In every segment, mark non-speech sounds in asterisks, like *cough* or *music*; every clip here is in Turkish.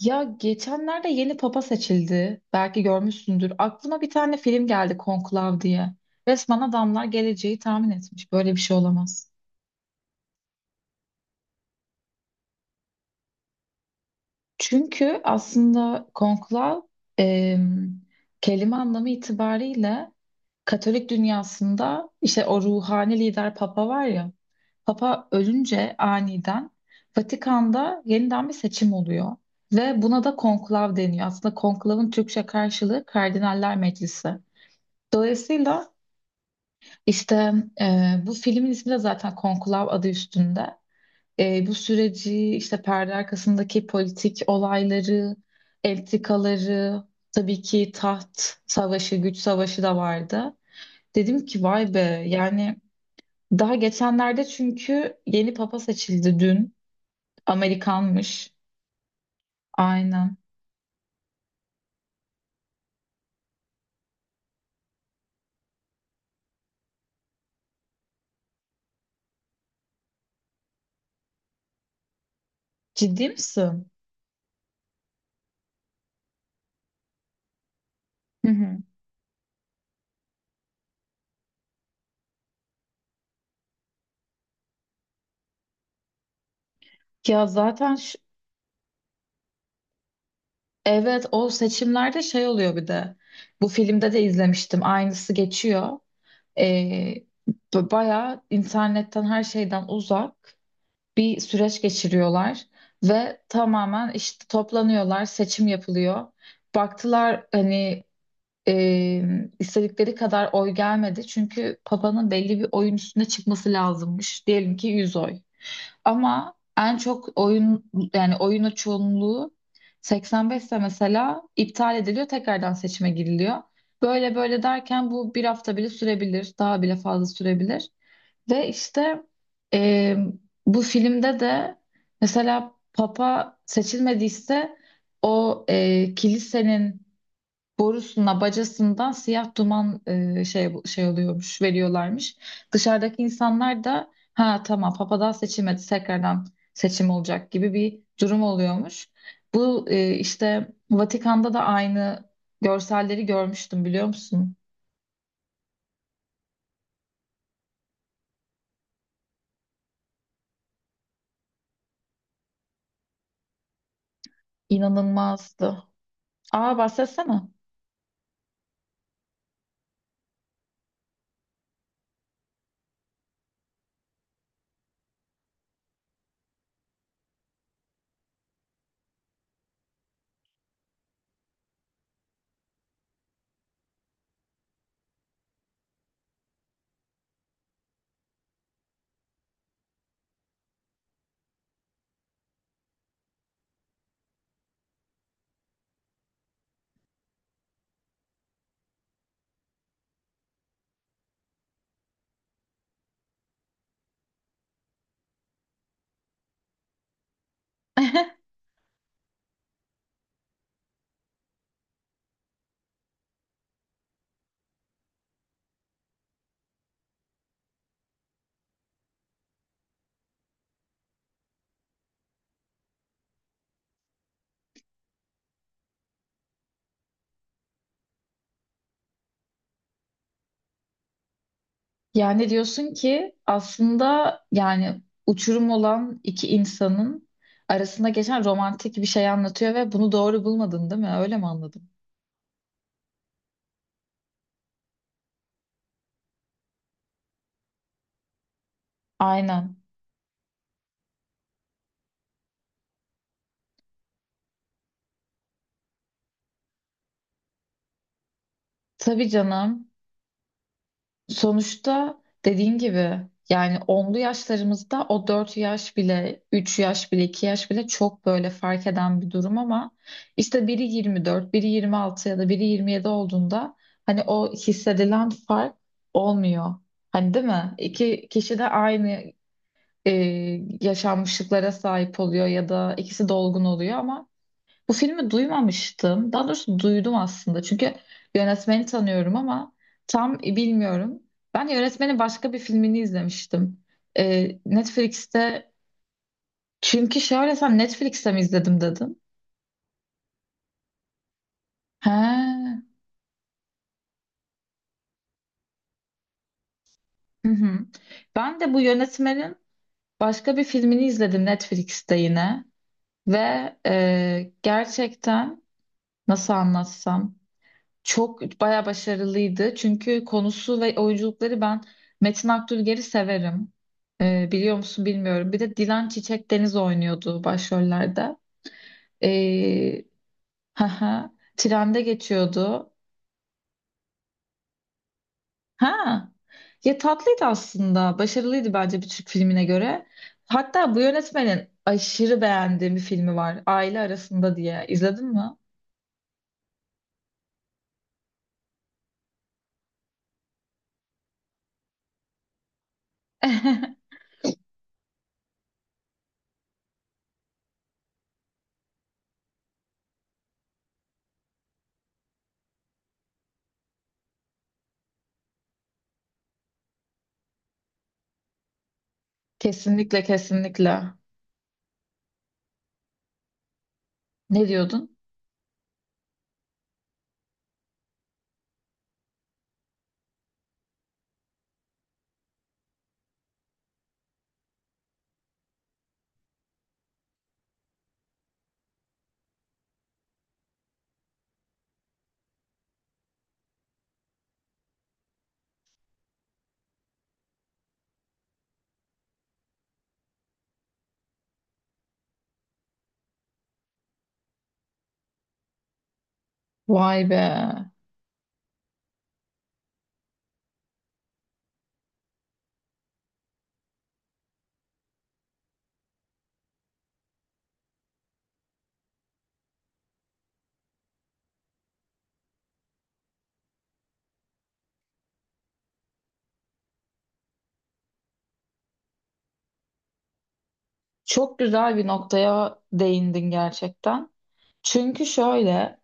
Ya geçenlerde yeni papa seçildi. Belki görmüşsündür. Aklıma bir tane film geldi Konklav diye. Resmen adamlar geleceği tahmin etmiş. Böyle bir şey olamaz. Çünkü aslında Konklav em, kelime anlamı itibariyle Katolik dünyasında işte o ruhani lider papa var ya. Papa ölünce aniden Vatikan'da yeniden bir seçim oluyor. Ve buna da konklav deniyor. Aslında konklavın Türkçe karşılığı Kardinaller Meclisi. Dolayısıyla işte bu filmin ismi de zaten Konklav, adı üstünde. Bu süreci, işte perde arkasındaki politik olayları, entrikaları, tabii ki taht savaşı, güç savaşı da vardı. Dedim ki vay be, yani daha geçenlerde çünkü yeni papa seçildi dün. Amerikanmış. Aynen. Ciddi misin? Hı hı. Ya zaten şu Evet, o seçimlerde şey oluyor bir de. Bu filmde de izlemiştim. Aynısı geçiyor. Ee, Bayağı internetten, her şeyden uzak bir süreç geçiriyorlar. Ve tamamen işte toplanıyorlar, seçim yapılıyor. Baktılar hani e, istedikleri kadar oy gelmedi. Çünkü Papa'nın belli bir oyun üstüne çıkması lazımmış. Diyelim ki 100 oy. Ama en çok oyun, yani oyunu çoğunluğu 85'te mesela, iptal ediliyor, tekrardan seçime giriliyor. Böyle böyle derken bu bir hafta bile sürebilir, daha bile fazla sürebilir. Ve işte e, bu filmde de mesela Papa seçilmediyse, o kilisenin borusuna, bacasından siyah duman şey oluyormuş, veriyorlarmış. Dışarıdaki insanlar da ha tamam, papadan seçilmedi, tekrardan seçim olacak gibi bir durum oluyormuş. Bu işte Vatikan'da da aynı görselleri görmüştüm, biliyor musun? İnanılmazdı. Aa, bahsetsene. *laughs* Yani diyorsun ki aslında, yani uçurum olan iki insanın arasında geçen romantik bir şey anlatıyor ve bunu doğru bulmadın, değil mi? Öyle mi anladım? Aynen. Tabii canım. Sonuçta dediğin gibi, yani onlu yaşlarımızda o 4 yaş bile, 3 yaş bile, 2 yaş bile çok böyle fark eden bir durum, ama işte biri 24, biri 26 ya da biri 27 olduğunda hani o hissedilen fark olmuyor. Hani, değil mi? İki kişi de aynı e, yaşanmışlıklara sahip oluyor ya da ikisi dolgun oluyor. Ama bu filmi duymamıştım. Daha doğrusu duydum aslında, çünkü yönetmeni tanıyorum ama tam bilmiyorum. Ben yönetmenin başka bir filmini izlemiştim. Netflix'te. Çünkü şöyle, sen Netflix'te mi izledim dedin? He. Hı hı. Ben de bu yönetmenin başka bir filmini izledim Netflix'te yine. Ve gerçekten, nasıl anlatsam? Çok bayağı başarılıydı. Çünkü konusu ve oyunculukları, ben Metin Akdülger'i severim. Biliyor musun bilmiyorum. Bir de Dilan Çiçek Deniz oynuyordu başrollerde. Ee, *laughs* trende geçiyordu. Ha, ya tatlıydı aslında. Başarılıydı bence bir Türk filmine göre. Hatta bu yönetmenin aşırı beğendiğim bir filmi var, Aile Arasında diye. İzledin mi? *laughs* Kesinlikle, kesinlikle. Ne diyordun? Vay be. Çok güzel bir noktaya değindin gerçekten. Çünkü şöyle,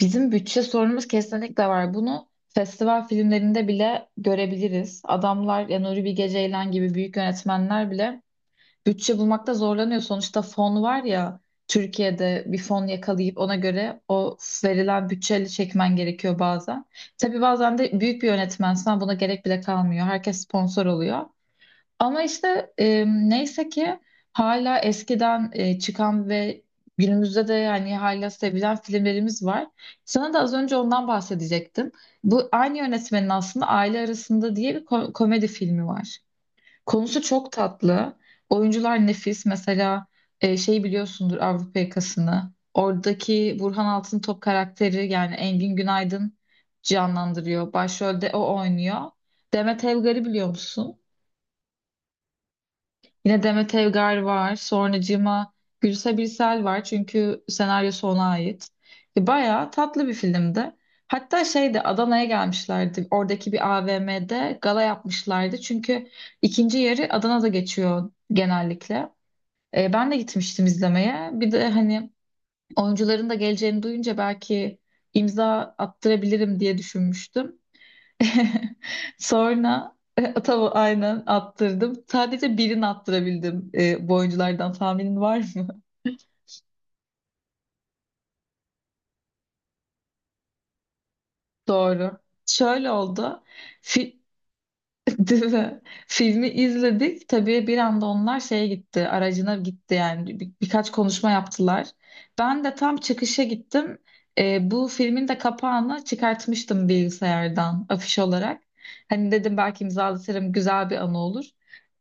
bizim bütçe sorunumuz kesinlikle var. Bunu festival filmlerinde bile görebiliriz. Adamlar, ya Nuri Bilge Ceylan gibi büyük yönetmenler bile bütçe bulmakta zorlanıyor. Sonuçta fon var ya, Türkiye'de bir fon yakalayıp ona göre, o verilen bütçeyle çekmen gerekiyor bazen. Tabii bazen de büyük bir yönetmensen buna gerek bile kalmıyor. Herkes sponsor oluyor. Ama işte neyse ki hala eskiden çıkan ve günümüzde de, yani hala sevilen filmlerimiz var. Sana da az önce ondan bahsedecektim. Bu aynı yönetmenin aslında Aile Arasında diye bir komedi filmi var. Konusu çok tatlı. Oyuncular nefis. Mesela biliyorsundur Avrupa Yakası'nı. Oradaki Burhan Altıntop karakteri, yani Engin Günaydın canlandırıyor. Başrolde o oynuyor. Demet Evgar'ı biliyor musun? Yine Demet Evgar var. Sonracığıma Gülse Birsel var, çünkü senaryosu ona ait. Bayağı tatlı bir filmdi. Hatta şeyde, Adana'ya gelmişlerdi. Oradaki bir AVM'de gala yapmışlardı, çünkü ikinci yarı Adana'da geçiyor genellikle. Ben de gitmiştim izlemeye. Bir de hani oyuncuların da geleceğini duyunca, belki imza attırabilirim diye düşünmüştüm. *laughs* Sonra e, tavu aynen attırdım. Sadece birini attırabildim bu oyunculardan. Tahminin var mı? *laughs* Doğru. Şöyle oldu. Fi- *laughs* Değil mi? Filmi izledik. Tabii bir anda onlar şeye gitti, aracına gitti, yani birkaç konuşma yaptılar. Ben de tam çıkışa gittim. Bu filmin de kapağını çıkartmıştım bilgisayardan, afiş olarak. Hani dedim belki imzalatırım, güzel bir anı olur.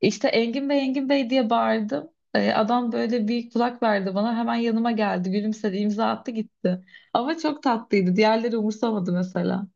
İşte Engin Bey, Engin Bey diye bağırdım. Adam böyle bir kulak verdi bana, hemen yanıma geldi, gülümsedi, imza attı, gitti. Ama çok tatlıydı. Diğerleri umursamadı mesela.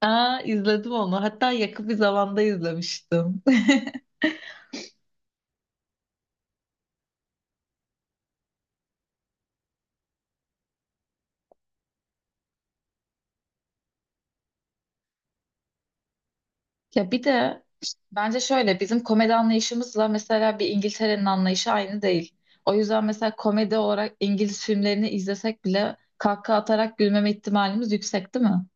Aa, izledim onu. Hatta yakın bir zamanda izlemiştim. *laughs* Ya bir de bence şöyle, bizim komedi anlayışımızla mesela bir İngiltere'nin anlayışı aynı değil. O yüzden mesela komedi olarak İngiliz filmlerini izlesek bile kahkaha atarak gülmeme ihtimalimiz yüksek, değil mi?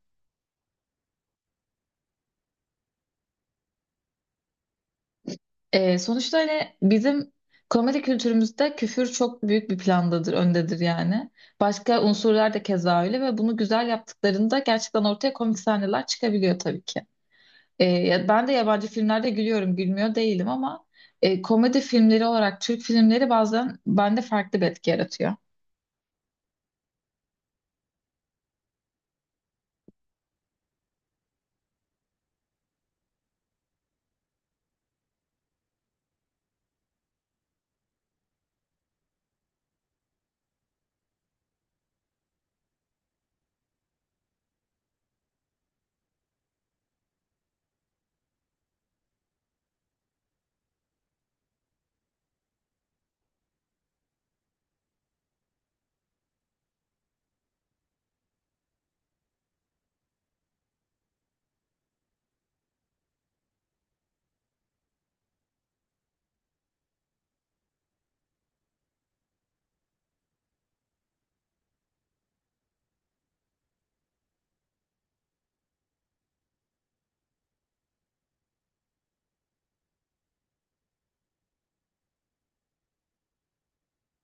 Sonuçta hani bizim komedi kültürümüzde küfür çok büyük bir plandadır, öndedir yani. Başka unsurlar da keza öyle ve bunu güzel yaptıklarında gerçekten ortaya komik sahneler çıkabiliyor tabii ki. Ben de yabancı filmlerde gülüyorum, gülmüyor değilim, ama komedi filmleri olarak Türk filmleri bazen bende farklı bir etki yaratıyor.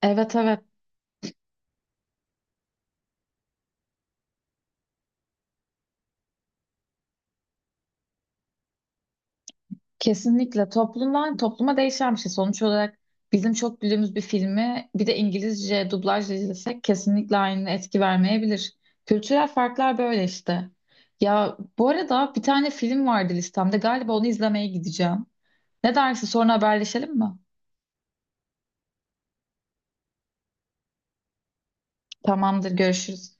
Evet, evet. Kesinlikle toplumdan topluma değişen bir şey. Sonuç olarak bizim çok güldüğümüz bir filmi bir de İngilizce dublajla izlesek, kesinlikle aynı etki vermeyebilir. Kültürel farklar böyle işte. Ya bu arada bir tane film vardı listemde. Galiba onu izlemeye gideceğim. Ne dersin, sonra haberleşelim mi? Tamamdır, görüşürüz.